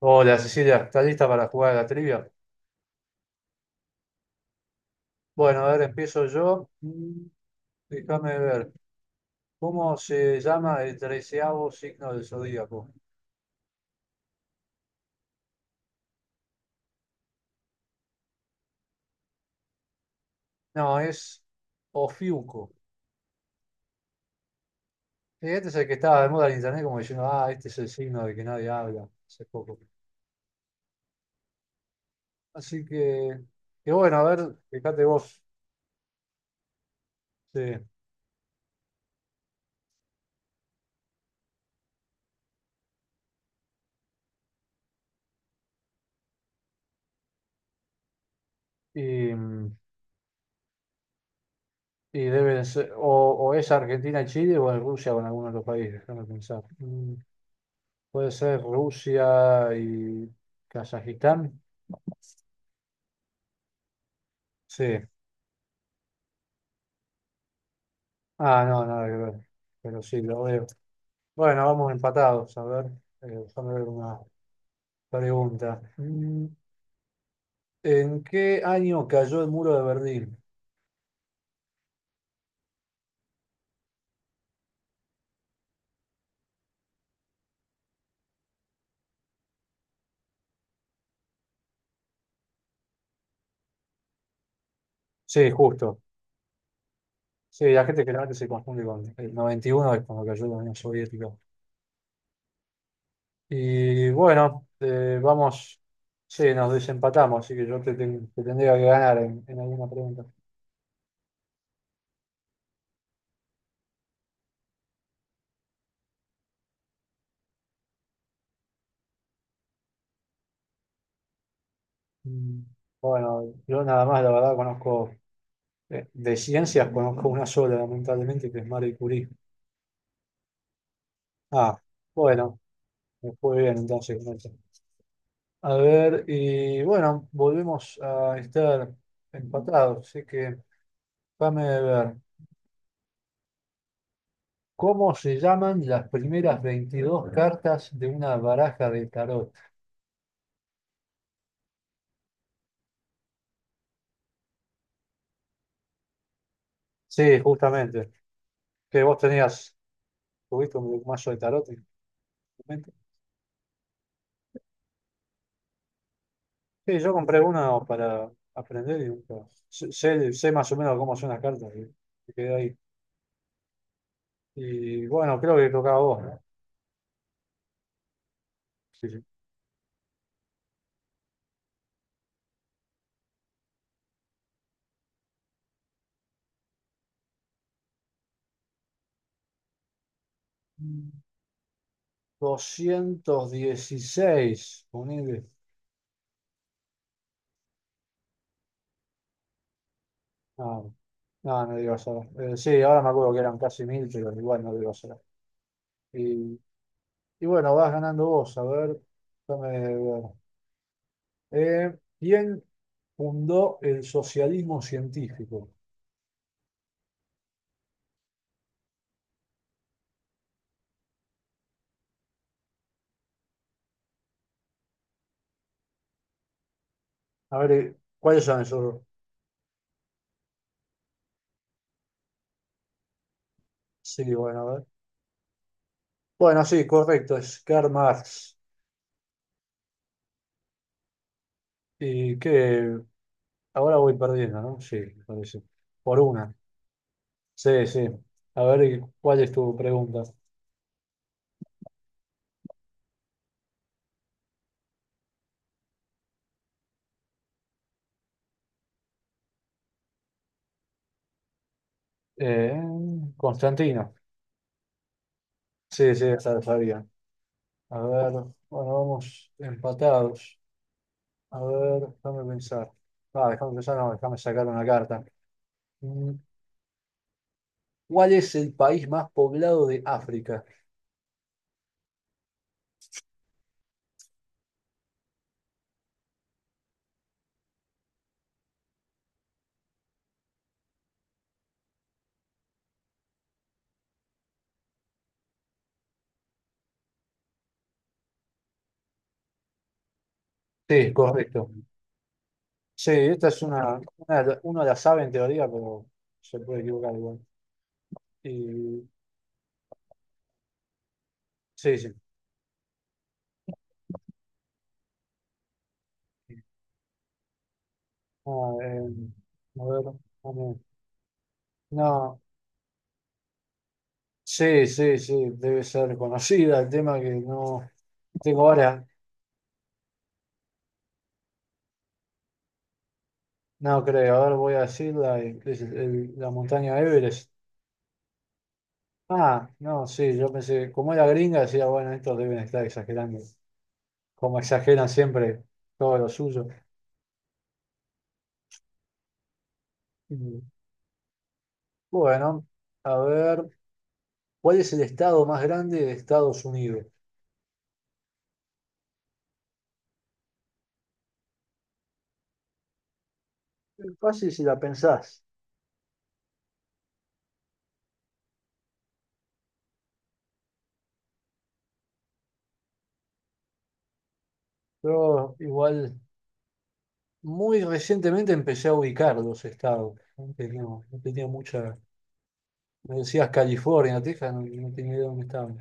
Hola Cecilia, ¿estás lista para jugar a la trivia? Bueno, a ver, empiezo yo. Déjame ver. ¿Cómo se llama el treceavo signo del zodíaco? No, es Ofiuco. Este es el que estaba de moda en internet, como diciendo, ah, este es el signo de que nadie habla hace poco. Así que bueno, a ver, fíjate vos. Sí. Y, y deben ser, o es Argentina y Chile, o en Rusia, o en alguno de los países, déjame pensar. Mm. Puede ser Rusia y Kazajistán. Sí. Ah, no, nada que ver. Pero sí, lo veo. Bueno, vamos empatados. A ver, déjame ver una pregunta. ¿En qué año cayó el muro de Berlín? Sí, justo. Sí, la gente generalmente se confunde con el 91 es cuando cayó la Unión Soviética. Y bueno, vamos. Sí, nos desempatamos, así que yo te tendría que ganar en alguna pregunta. Mm, Bueno, yo nada más, la verdad, conozco de ciencias conozco una sola, lamentablemente, que es Marie Curie. Ah, bueno, me fue bien entonces con eso. A ver, y bueno, volvemos a estar empatados, así que déjame ver. ¿Cómo se llaman las primeras 22 cartas de una baraja de tarot? Sí, justamente. Que vos tenías, tuviste un mazo de tarot en tu momento. Sí, yo compré uno para aprender y nunca- sé más o menos cómo son las cartas, y me quedé ahí. Y bueno, creo que tocaba vos, ¿no? Sí, sí. Mm. 216, ponele. No, no, no digo ahora. Sí, ahora me acuerdo que eran casi mil, pero igual no digo ahora. Y, y bueno, vas ganando vos, a ver, déjame ver. ¿Quién fundó el socialismo científico? A ver, ¿cuáles son esos? Sí, bueno, a ver. Bueno, sí, correcto, es Karl Marx. Y que ahora voy perdiendo, ¿no? Sí, me parece. Por una. Sí, sí. A ver, ¿cuál es tu pregunta? Eh, Constantino. Sí, sí, esa la sabía. A ver, bueno, vamos empatados. A ver, déjame pensar. Ah, déjame pensar, no, déjame sacar una carta. Mm, ¿Cuál es el país más poblado de África? Sí, correcto. Sí, esta es uno la sabe en teoría, pero se puede equivocar igual. Y, sí, sí. Ah, a ver, a ver. No. Sí, sí, sí, debe ser conocida. El tema que no tengo ahora, no creo. Ahora voy a decirla, y- ¿qué es el- la montaña Everest. Ah, no, sí, yo pensé, como era gringa, decía, bueno, estos deben estar exagerando, como exageran siempre todo lo suyo. Y, bueno, a ver, ¿cuál es el estado más grande de Estados Unidos? Es fácil si la pensás. Yo igual muy recientemente empecé a ubicar los estados. Antes no tenía mucha. Me decías California, Texas, no tenía idea de dónde estaba.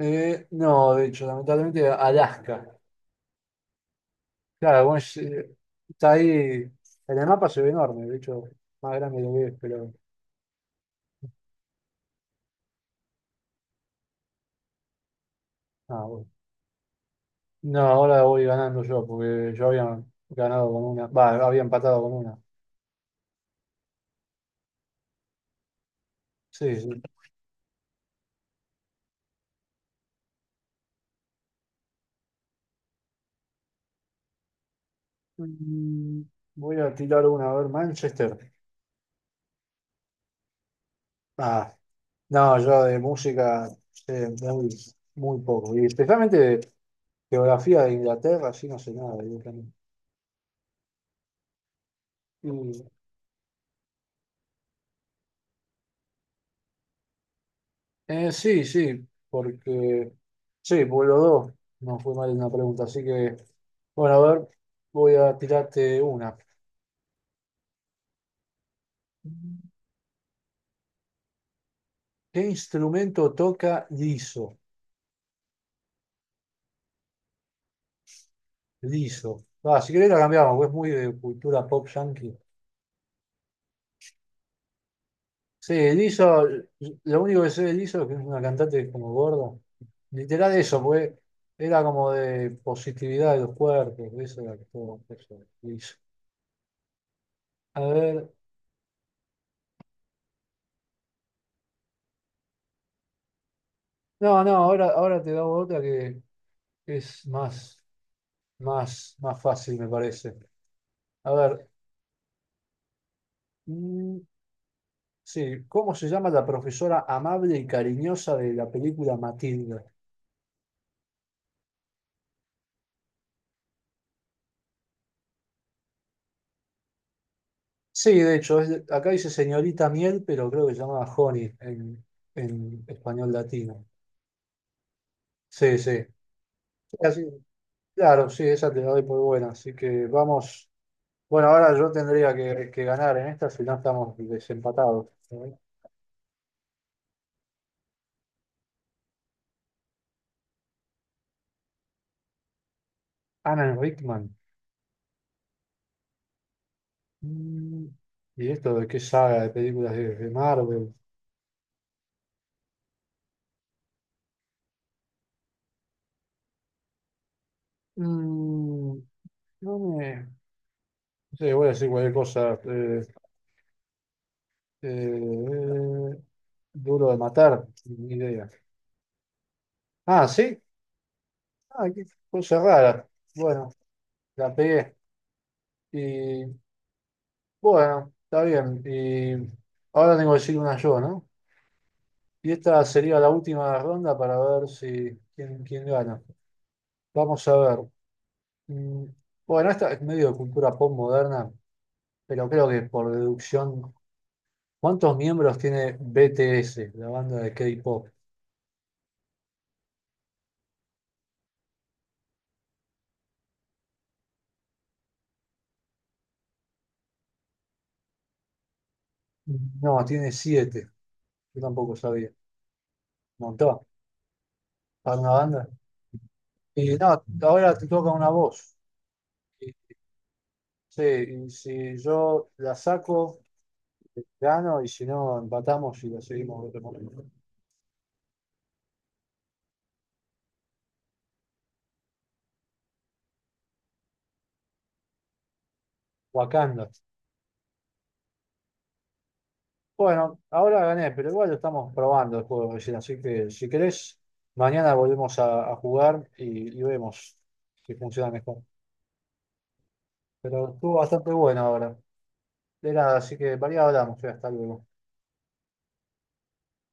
No, de hecho, lamentablemente Alaska. Claro, bueno, es, está ahí. En el mapa se ve enorme, de hecho, más grande lo ves, pero. Ah, bueno. No, ahora voy ganando yo, porque yo había ganado con una. Va, había empatado con una. Sí, sí. Mm, voy a tirar una, a ver, Manchester. Ah, no, yo de música sé muy, muy poco. Y especialmente de geografía de Inglaterra, sí no sé nada, directamente. Mm, sí, sí, porque sí, por los dos. No fue mal una pregunta, así que bueno, a ver, voy a tirarte una. ¿Qué instrumento toca Liso? Liso. Ah, si querés la cambiamos, porque es muy de cultura pop yankee. Sí, Liso, lo único que sé de Liso es que es una cantante como gorda. Literal eso, pues era como de positividad de los cuerpos, eso era todo, eso, Liso. A ver, no, no, ahora, ahora te damos otra que es más, más fácil, me parece. A ver, mm, sí, ¿cómo se llama la profesora amable y cariñosa de la película Matilda? Sí, de hecho, es- acá dice señorita Miel, pero creo que se llama Honey en español latino. Sí, sí. Así- claro, sí, esa te la doy por buena. Así que vamos. Bueno, ahora yo tendría que ganar en esta, si no estamos desempatados. Alan Rickman. Mm, ¿Y esto de qué saga de películas de Marvel? Mm, no me... No sé, voy a decir cualquier cosa. Eh, eh, Duro de matar, ni idea. Ah, ¿sí? Ah, qué cosa rara. Bueno, la pegué. Y bueno, está bien. Y ahora tengo que decir una yo, ¿no? Y esta sería la última ronda para ver si quién, quién gana. Vamos a ver. Mm, bueno, esta es medio de cultura pop moderna, pero creo que por deducción, ¿cuántos miembros tiene BTS, la banda de K-pop? No, tiene 7, yo tampoco sabía. Un montón, para una banda. Y no, ahora te toca una voz. Y, sí, y si yo la saco, gano, y si no, empatamos y la seguimos en otro momento. Wakanda. Bueno, ahora gané, pero igual lo estamos probando el juego recién, así que si querés, mañana volvemos a jugar y vemos si funciona mejor. Pero estuvo bastante bueno ahora. De nada, así que variado hablamos, ya, hasta luego.